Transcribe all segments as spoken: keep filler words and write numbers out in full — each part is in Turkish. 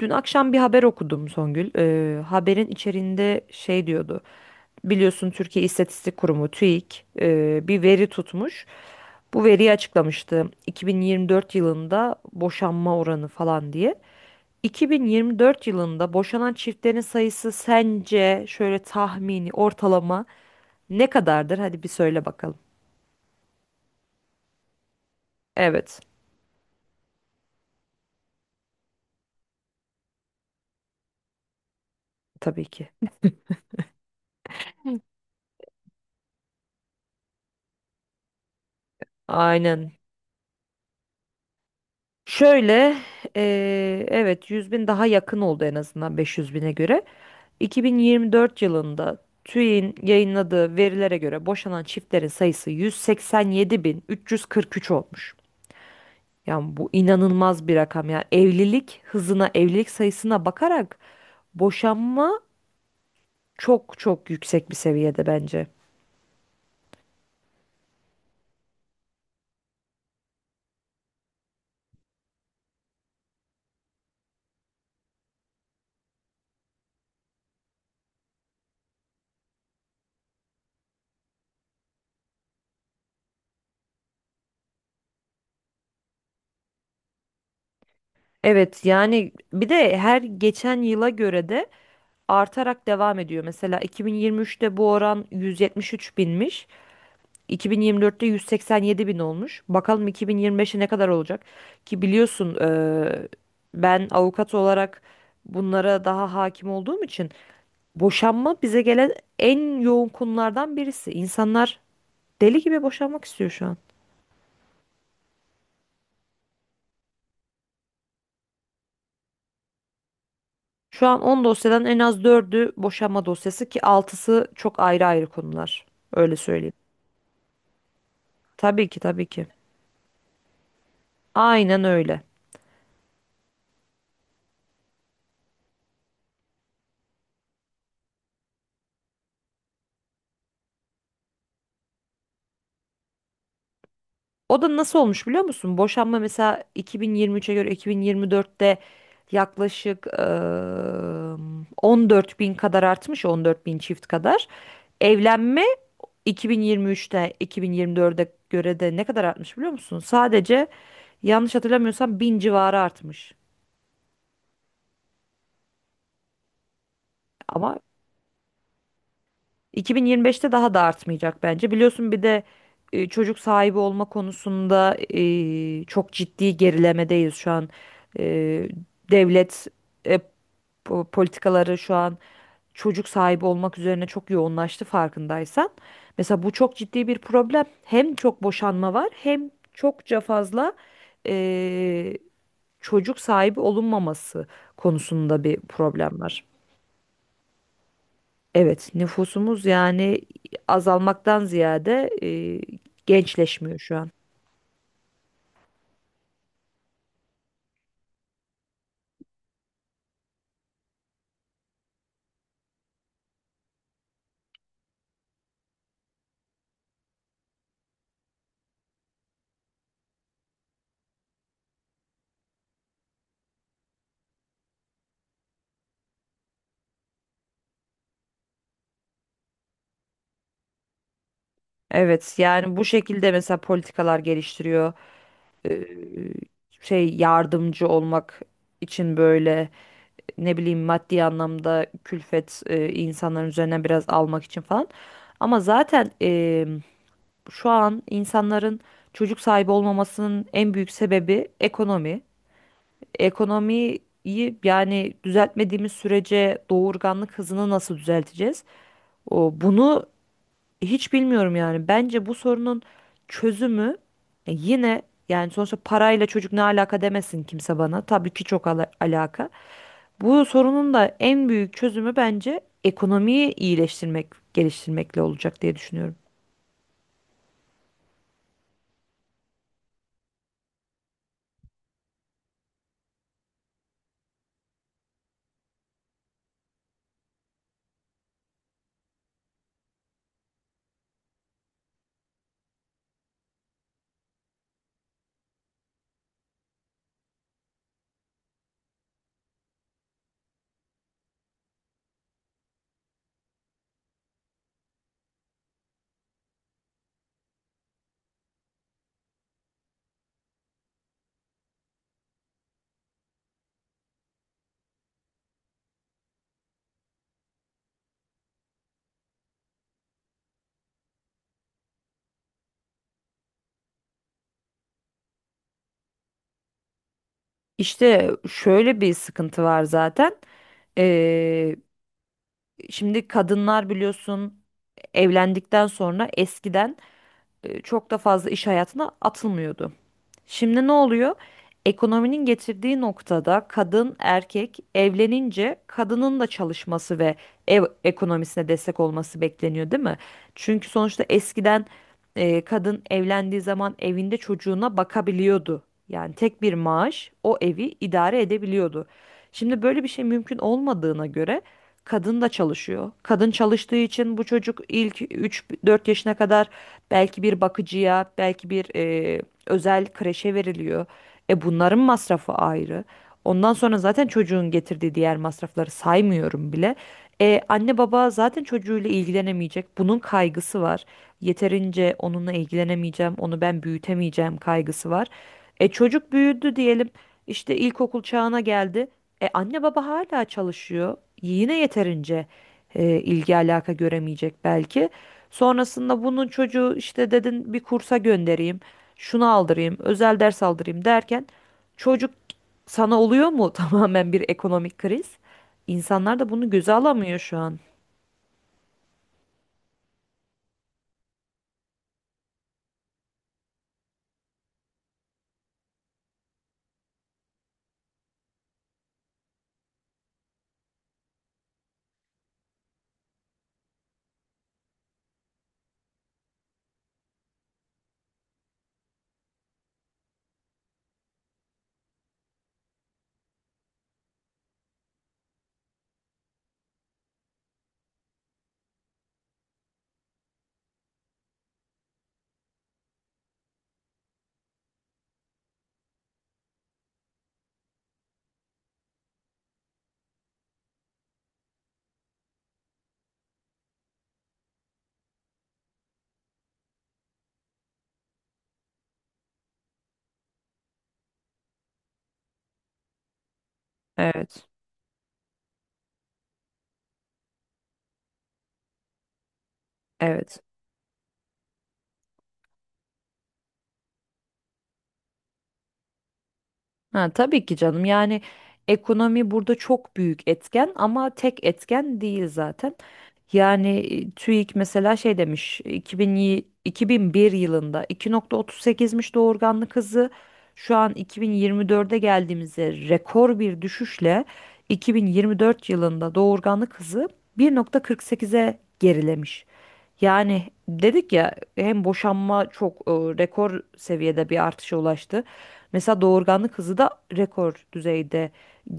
Dün akşam bir haber okudum Songül. Ee, haberin içeriğinde şey diyordu. Biliyorsun Türkiye İstatistik Kurumu TÜİK e, bir veri tutmuş. Bu veriyi açıklamıştı. iki bin yirmi dört yılında boşanma oranı falan diye. iki bin yirmi dört yılında boşanan çiftlerin sayısı sence şöyle tahmini ortalama ne kadardır? Hadi bir söyle bakalım. Evet, tabii ki. Aynen. Şöyle, e, evet yüz bin daha yakın oldu en azından beş yüz bine göre. iki bin yirmi dört yılında TÜİK'in yayınladığı verilere göre boşanan çiftlerin sayısı yüz seksen yedi bin üç yüz kırk üç olmuş. Yani bu inanılmaz bir rakam. Yani evlilik hızına, evlilik sayısına bakarak boşanma çok çok yüksek bir seviyede bence. Evet yani bir de her geçen yıla göre de artarak devam ediyor. Mesela iki bin yirmi üçte bu oran yüz yetmiş üç binmiş. iki bin yirmi dörtte yüz seksen yedi bin olmuş. Bakalım iki bin yirmi beşe ne kadar olacak? Ki biliyorsun eee, ben avukat olarak bunlara daha hakim olduğum için boşanma bize gelen en yoğun konulardan birisi. İnsanlar deli gibi boşanmak istiyor şu an. Şu an on dosyadan en az dördü boşanma dosyası ki altısı çok ayrı ayrı konular. Öyle söyleyeyim. Tabii ki tabii ki. Aynen öyle. O da nasıl olmuş biliyor musun? Boşanma mesela iki bin yirmi üçe göre iki bin yirmi dörtte yaklaşık eee on dört bin kadar artmış, on dört bin çift kadar. Evlenme iki bin yirmi üçte iki bin yirmi dörde göre de ne kadar artmış biliyor musun? Sadece yanlış hatırlamıyorsam bin civarı artmış. Ama iki bin yirmi beşte daha da artmayacak bence. Biliyorsun bir de e, çocuk sahibi olma konusunda e, çok ciddi gerilemedeyiz şu an. E, Devlet e, bu politikaları şu an çocuk sahibi olmak üzerine çok yoğunlaştı farkındaysan. Mesela bu çok ciddi bir problem. Hem çok boşanma var hem çokça fazla eee, çocuk sahibi olunmaması konusunda bir problem var. Evet, nüfusumuz yani azalmaktan ziyade eee, gençleşmiyor şu an. Evet, yani bu şekilde mesela politikalar geliştiriyor. Eee, Şey yardımcı olmak için böyle. Ne bileyim maddi anlamda külfet e, insanların üzerine biraz almak için falan. Ama zaten e, şu an insanların çocuk sahibi olmamasının en büyük sebebi ekonomi. Ekonomiyi yani düzeltmediğimiz sürece doğurganlık hızını nasıl düzelteceğiz? O, bunu hiç bilmiyorum yani. Bence bu sorunun çözümü e, yine yani sonuçta parayla çocuk ne alaka demesin kimse bana. Tabii ki çok ala- alaka. Bu sorunun da en büyük çözümü bence ekonomiyi iyileştirmek, geliştirmekle olacak diye düşünüyorum. İşte şöyle bir sıkıntı var zaten. Ee, Şimdi kadınlar biliyorsun evlendikten sonra eskiden e, çok da fazla iş hayatına atılmıyordu. Şimdi ne oluyor? Ekonominin getirdiği noktada kadın, erkek evlenince kadının da çalışması ve ev ekonomisine destek olması bekleniyor, değil mi? Çünkü sonuçta eskiden e, kadın evlendiği zaman evinde çocuğuna bakabiliyordu. Yani tek bir maaş o evi idare edebiliyordu. Şimdi böyle bir şey mümkün olmadığına göre kadın da çalışıyor. Kadın çalıştığı için bu çocuk ilk üç dört yaşına kadar belki bir bakıcıya, belki bir e, özel kreşe veriliyor. E bunların masrafı ayrı. Ondan sonra zaten çocuğun getirdiği diğer masrafları saymıyorum bile. E, anne baba zaten çocuğuyla ilgilenemeyecek. Bunun kaygısı var. Yeterince onunla ilgilenemeyeceğim, onu ben büyütemeyeceğim kaygısı var. E çocuk büyüdü diyelim. İşte ilkokul çağına geldi. E anne baba hala çalışıyor. Yine yeterince e, ilgi alaka göremeyecek belki. Sonrasında bunun çocuğu işte dedin bir kursa göndereyim şunu aldırayım, özel ders aldırayım derken çocuk sana oluyor mu tamamen bir ekonomik kriz? İnsanlar da bunu göze alamıyor şu an. Evet, evet. Ha, tabii ki canım. Yani ekonomi burada çok büyük etken ama tek etken değil zaten. Yani e, TÜİK mesela şey demiş iki bin, yi- iki bin bir yılında iki nokta otuz sekizmiş doğurganlık hızı. Şu an iki bin yirmi dörde geldiğimizde rekor bir düşüşle iki bin yirmi dört yılında doğurganlık hızı bir nokta kırk sekize gerilemiş. Yani dedik ya hem boşanma çok e, rekor seviyede bir artışa ulaştı. Mesela doğurganlık hızı da rekor düzeyde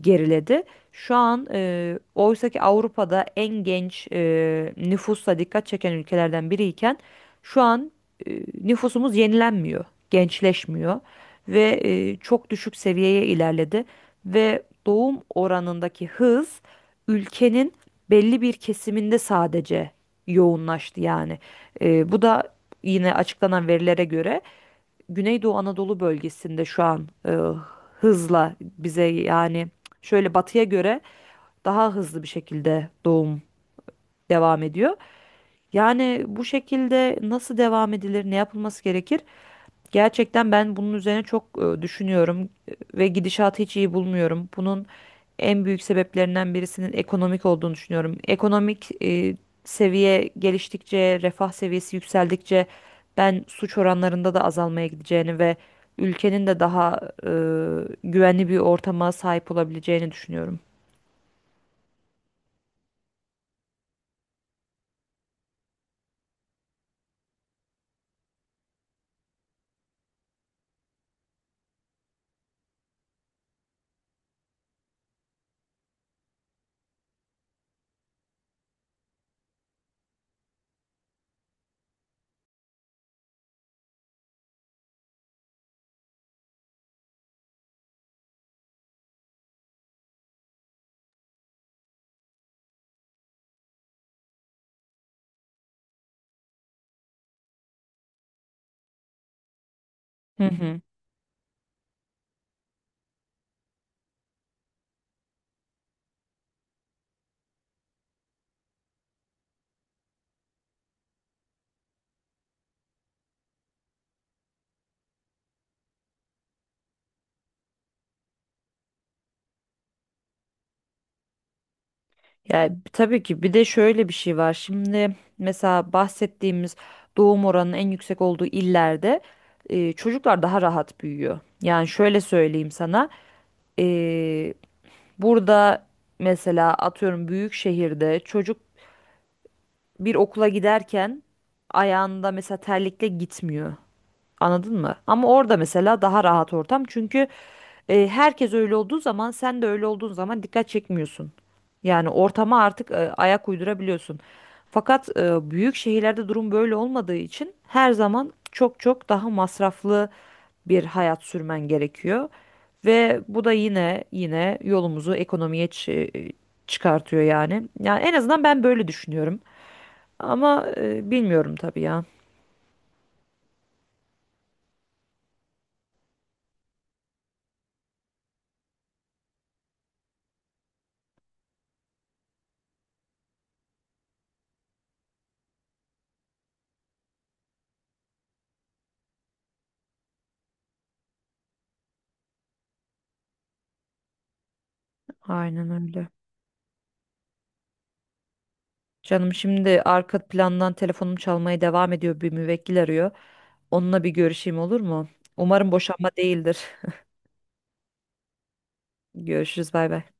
geriledi. Şu an e, oysa ki Avrupa'da en genç e, nüfusla dikkat çeken ülkelerden biriyken şu an e, nüfusumuz yenilenmiyor, gençleşmiyor ve e, çok düşük seviyeye ilerledi ve doğum oranındaki hız ülkenin belli bir kesiminde sadece yoğunlaştı yani. E, bu da yine açıklanan verilere göre Güneydoğu Anadolu bölgesinde şu an e, hızla bize yani şöyle batıya göre daha hızlı bir şekilde doğum devam ediyor. Yani bu şekilde nasıl devam edilir, ne yapılması gerekir? Gerçekten ben bunun üzerine çok e, düşünüyorum e, ve gidişatı hiç iyi bulmuyorum. Bunun en büyük sebeplerinden birisinin ekonomik olduğunu düşünüyorum. Ekonomik e, seviye geliştikçe, refah seviyesi yükseldikçe ben suç oranlarında da azalmaya gideceğini ve ülkenin de daha e, güvenli bir ortama sahip olabileceğini düşünüyorum. Hı hı. Yani tabii ki bir de şöyle bir şey var. Şimdi mesela bahsettiğimiz doğum oranının en yüksek olduğu illerde e, çocuklar daha rahat büyüyor. Yani şöyle söyleyeyim sana. E, Burada mesela atıyorum büyük şehirde çocuk bir okula giderken ayağında mesela terlikle gitmiyor. Anladın mı? Ama orada mesela daha rahat ortam. Çünkü e, herkes öyle olduğu zaman sen de öyle olduğun zaman dikkat çekmiyorsun. Yani ortama artık e, ayak uydurabiliyorsun. Fakat e, büyük şehirlerde durum böyle olmadığı için her zaman çok çok daha masraflı bir hayat sürmen gerekiyor. Ve bu da yine yine yolumuzu ekonomiye çı- çıkartıyor yani. Yani en azından ben böyle düşünüyorum. Ama e, bilmiyorum tabii ya. Aynen öyle. Canım şimdi arka plandan telefonum çalmaya devam ediyor. Bir müvekkil arıyor. Onunla bir görüşeyim olur mu? Umarım boşanma değildir. Görüşürüz bay bay.